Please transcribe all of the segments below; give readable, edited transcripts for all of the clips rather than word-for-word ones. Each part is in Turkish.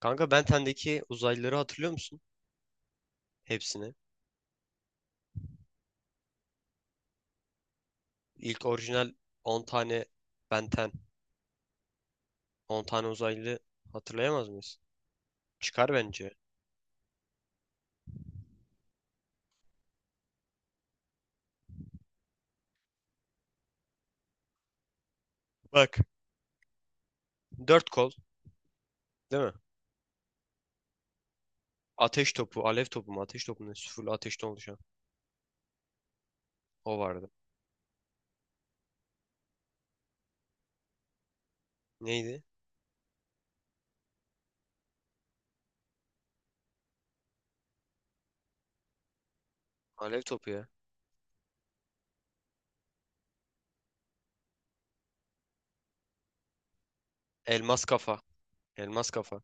Kanka Benten'deki uzaylıları hatırlıyor musun? Hepsini. İlk orijinal 10 tane Benten, 10 tane uzaylı hatırlayamaz mıyız? Çıkar bence. Bak. Dört kol, değil mi? Ateş topu, alev topu mu? Ateş topu mu? Sıfırlı ateşten oluşan. O vardı. Neydi? Alev topu ya. Elmas kafa. Elmas kafa.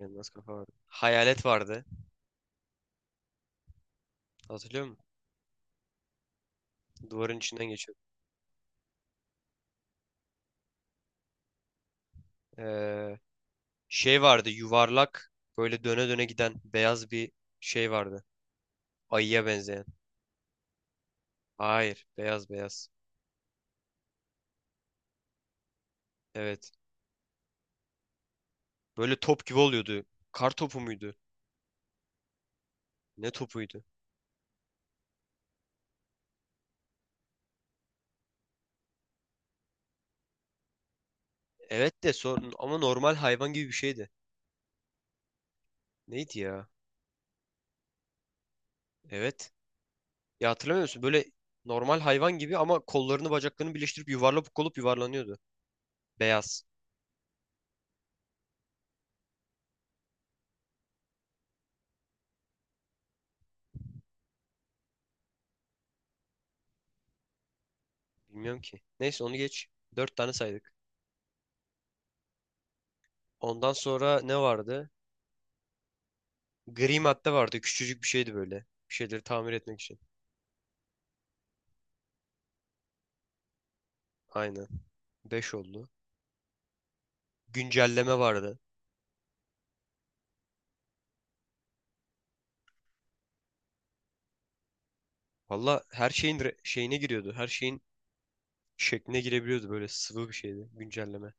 Elmas kafa vardı. Hayalet vardı. Hatırlıyor musun? Duvarın içinden geçiyor. Ee, Şey vardı. Yuvarlak, böyle döne döne giden beyaz bir şey vardı. Ayıya benzeyen. Hayır. Beyaz beyaz. Evet. Böyle top gibi oluyordu. Kar topu muydu? Ne topuydu? Evet de sor, ama normal hayvan gibi bir şeydi. Neydi ya? Evet. Ya hatırlamıyor musun? Böyle normal hayvan gibi, ama kollarını bacaklarını birleştirip yuvarlak olup yuvarlanıyordu. Beyaz. Bilmiyorum ki. Neyse, onu geç. Dört tane saydık. Ondan sonra ne vardı? Gri madde vardı. Küçücük bir şeydi böyle. Bir şeyleri tamir etmek için. Aynen. Beş oldu. Güncelleme vardı. Valla her şeyin şeyine giriyordu. Her şeyin şekline girebiliyordu, böyle sıvı bir şeydi güncelleme.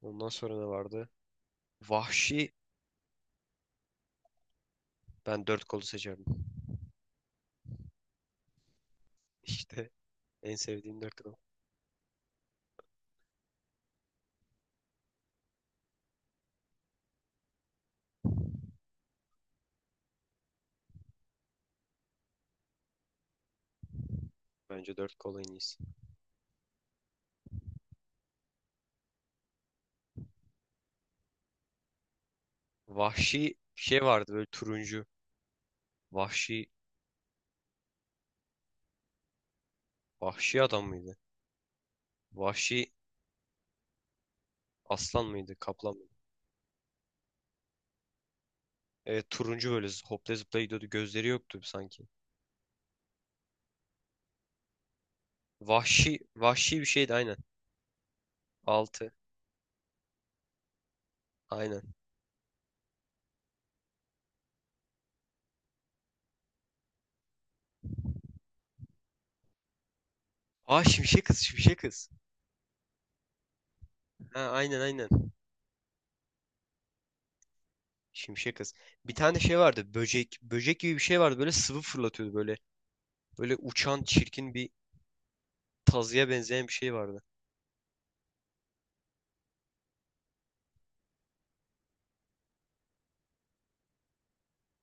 Ondan sonra ne vardı? Vahşi Ben dört kolu seçerdim. İşte en sevdiğim dört kol. Bence dört kol en iyisi. Vahşi bir şey vardı, böyle turuncu. Vahşi vahşi adam mıydı? Vahşi aslan mıydı? Kaplan mıydı? Evet, turuncu, böyle hopla zıpla gidiyordu. Gözleri yoktu sanki. Vahşi bir şeydi aynen. Altı. Aynen. Aa, şimşek kız, şimşek kız. Ha, aynen aynen. Şimşek kız. Bir tane şey vardı. Böcek. Böcek gibi bir şey vardı. Böyle sıvı fırlatıyordu böyle. Böyle uçan çirkin bir tazıya benzeyen bir şey vardı.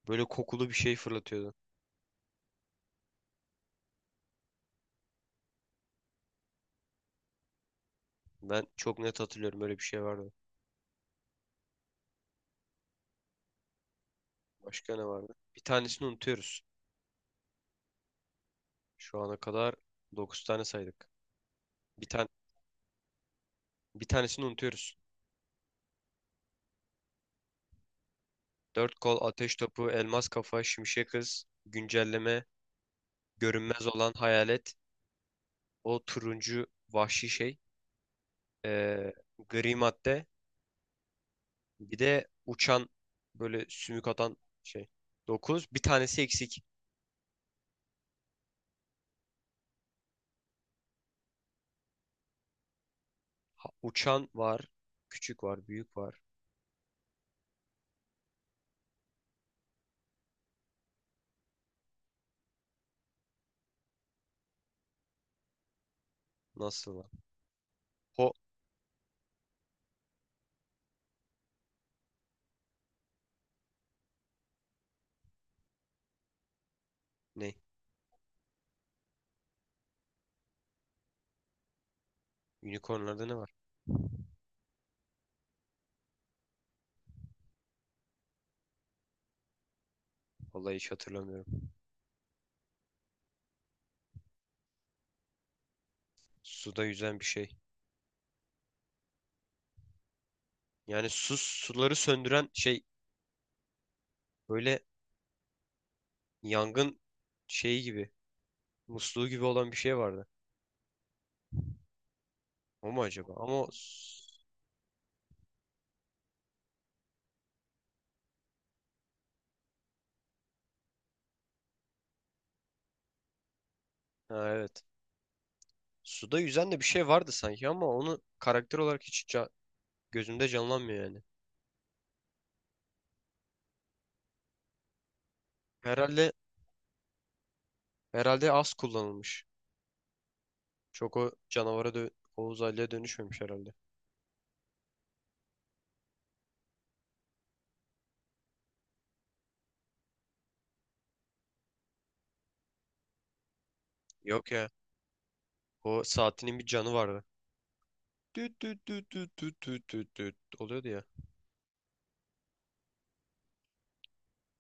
Böyle kokulu bir şey fırlatıyordu. Ben çok net hatırlıyorum. Öyle bir şey vardı. Başka ne vardı? Bir tanesini unutuyoruz. Şu ana kadar 9 tane saydık. Bir tane Bir tanesini unutuyoruz. Dört kol, ateş topu, elmas kafa, şimşek kız, güncelleme, görünmez olan hayalet, o turuncu vahşi şey, ee, gri madde, bir de uçan böyle sümük atan şey. Dokuz. Bir tanesi eksik. Uçan var. Küçük var. Büyük var. Nasıl var? Ho, ne? Unicornlarda ne var? Vallahi hiç hatırlamıyorum. Suda yüzen bir şey. Yani suları söndüren şey, böyle yangın şeyi gibi. Musluğu gibi olan bir şey vardı. O mu acaba? Ama o. Ha, evet. Suda yüzen de bir şey vardı sanki, ama onu karakter olarak hiç gözümde canlanmıyor yani. Herhalde herhalde az kullanılmış. Çok o canavara dö o uzaylıya dönüşmemiş herhalde. Yok ya. O saatinin bir canı vardı. Düt düt düt düt düt düt düt düt oluyordu ya.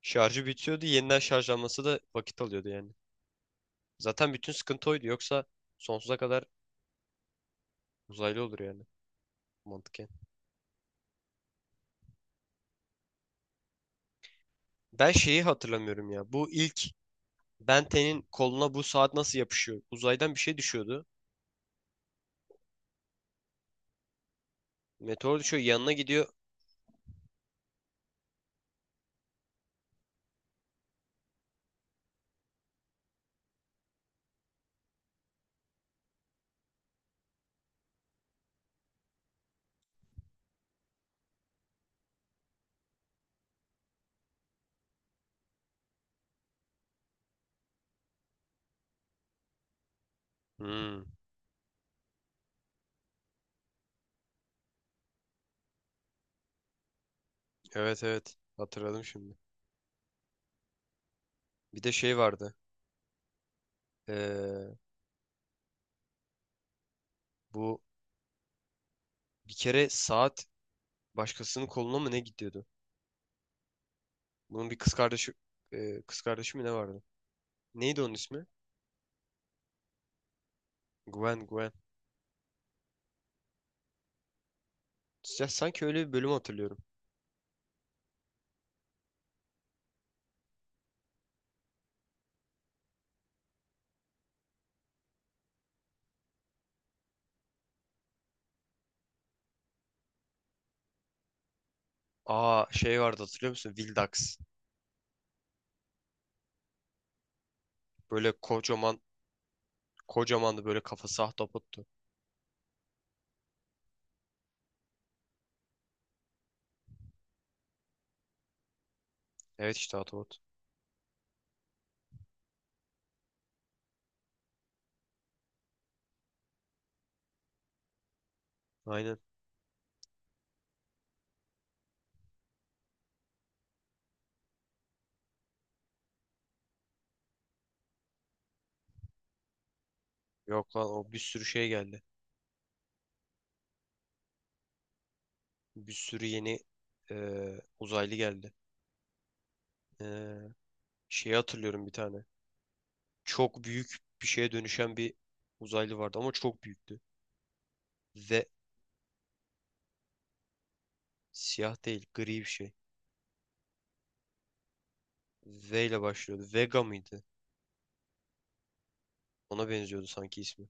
Şarjı bitiyordu. Yeniden şarjlanması da vakit alıyordu yani. Zaten bütün sıkıntı oydu. Yoksa sonsuza kadar uzaylı olur yani. Mantıken. Ben şeyi hatırlamıyorum ya. Bu ilk Benten'in koluna bu saat nasıl yapışıyor? Uzaydan bir şey düşüyordu. Meteor düşüyor. Yanına gidiyor. Hmm, evet, evet. Hatırladım şimdi. Bir de şey vardı. Ee, Bu bir kere saat başkasının koluna mı ne gidiyordu? Bunun bir kız kardeşi mi ne vardı? Neydi onun ismi? Gwen, Gwen. Ya sanki öyle bir bölüm hatırlıyorum. Aa, şey vardı, hatırlıyor musun? Vildax. Böyle kocamandı, böyle kafası ahtapottu. Evet, işte ahtapot. Aynen. Yok lan, o bir sürü şey geldi. Bir sürü yeni e, uzaylı geldi. E, Şeyi hatırlıyorum, bir tane. Çok büyük bir şeye dönüşen bir uzaylı vardı, ama çok büyüktü. Ve Siyah değil, gri bir şey. V ile başlıyordu. Vega mıydı? Ona benziyordu sanki ismi.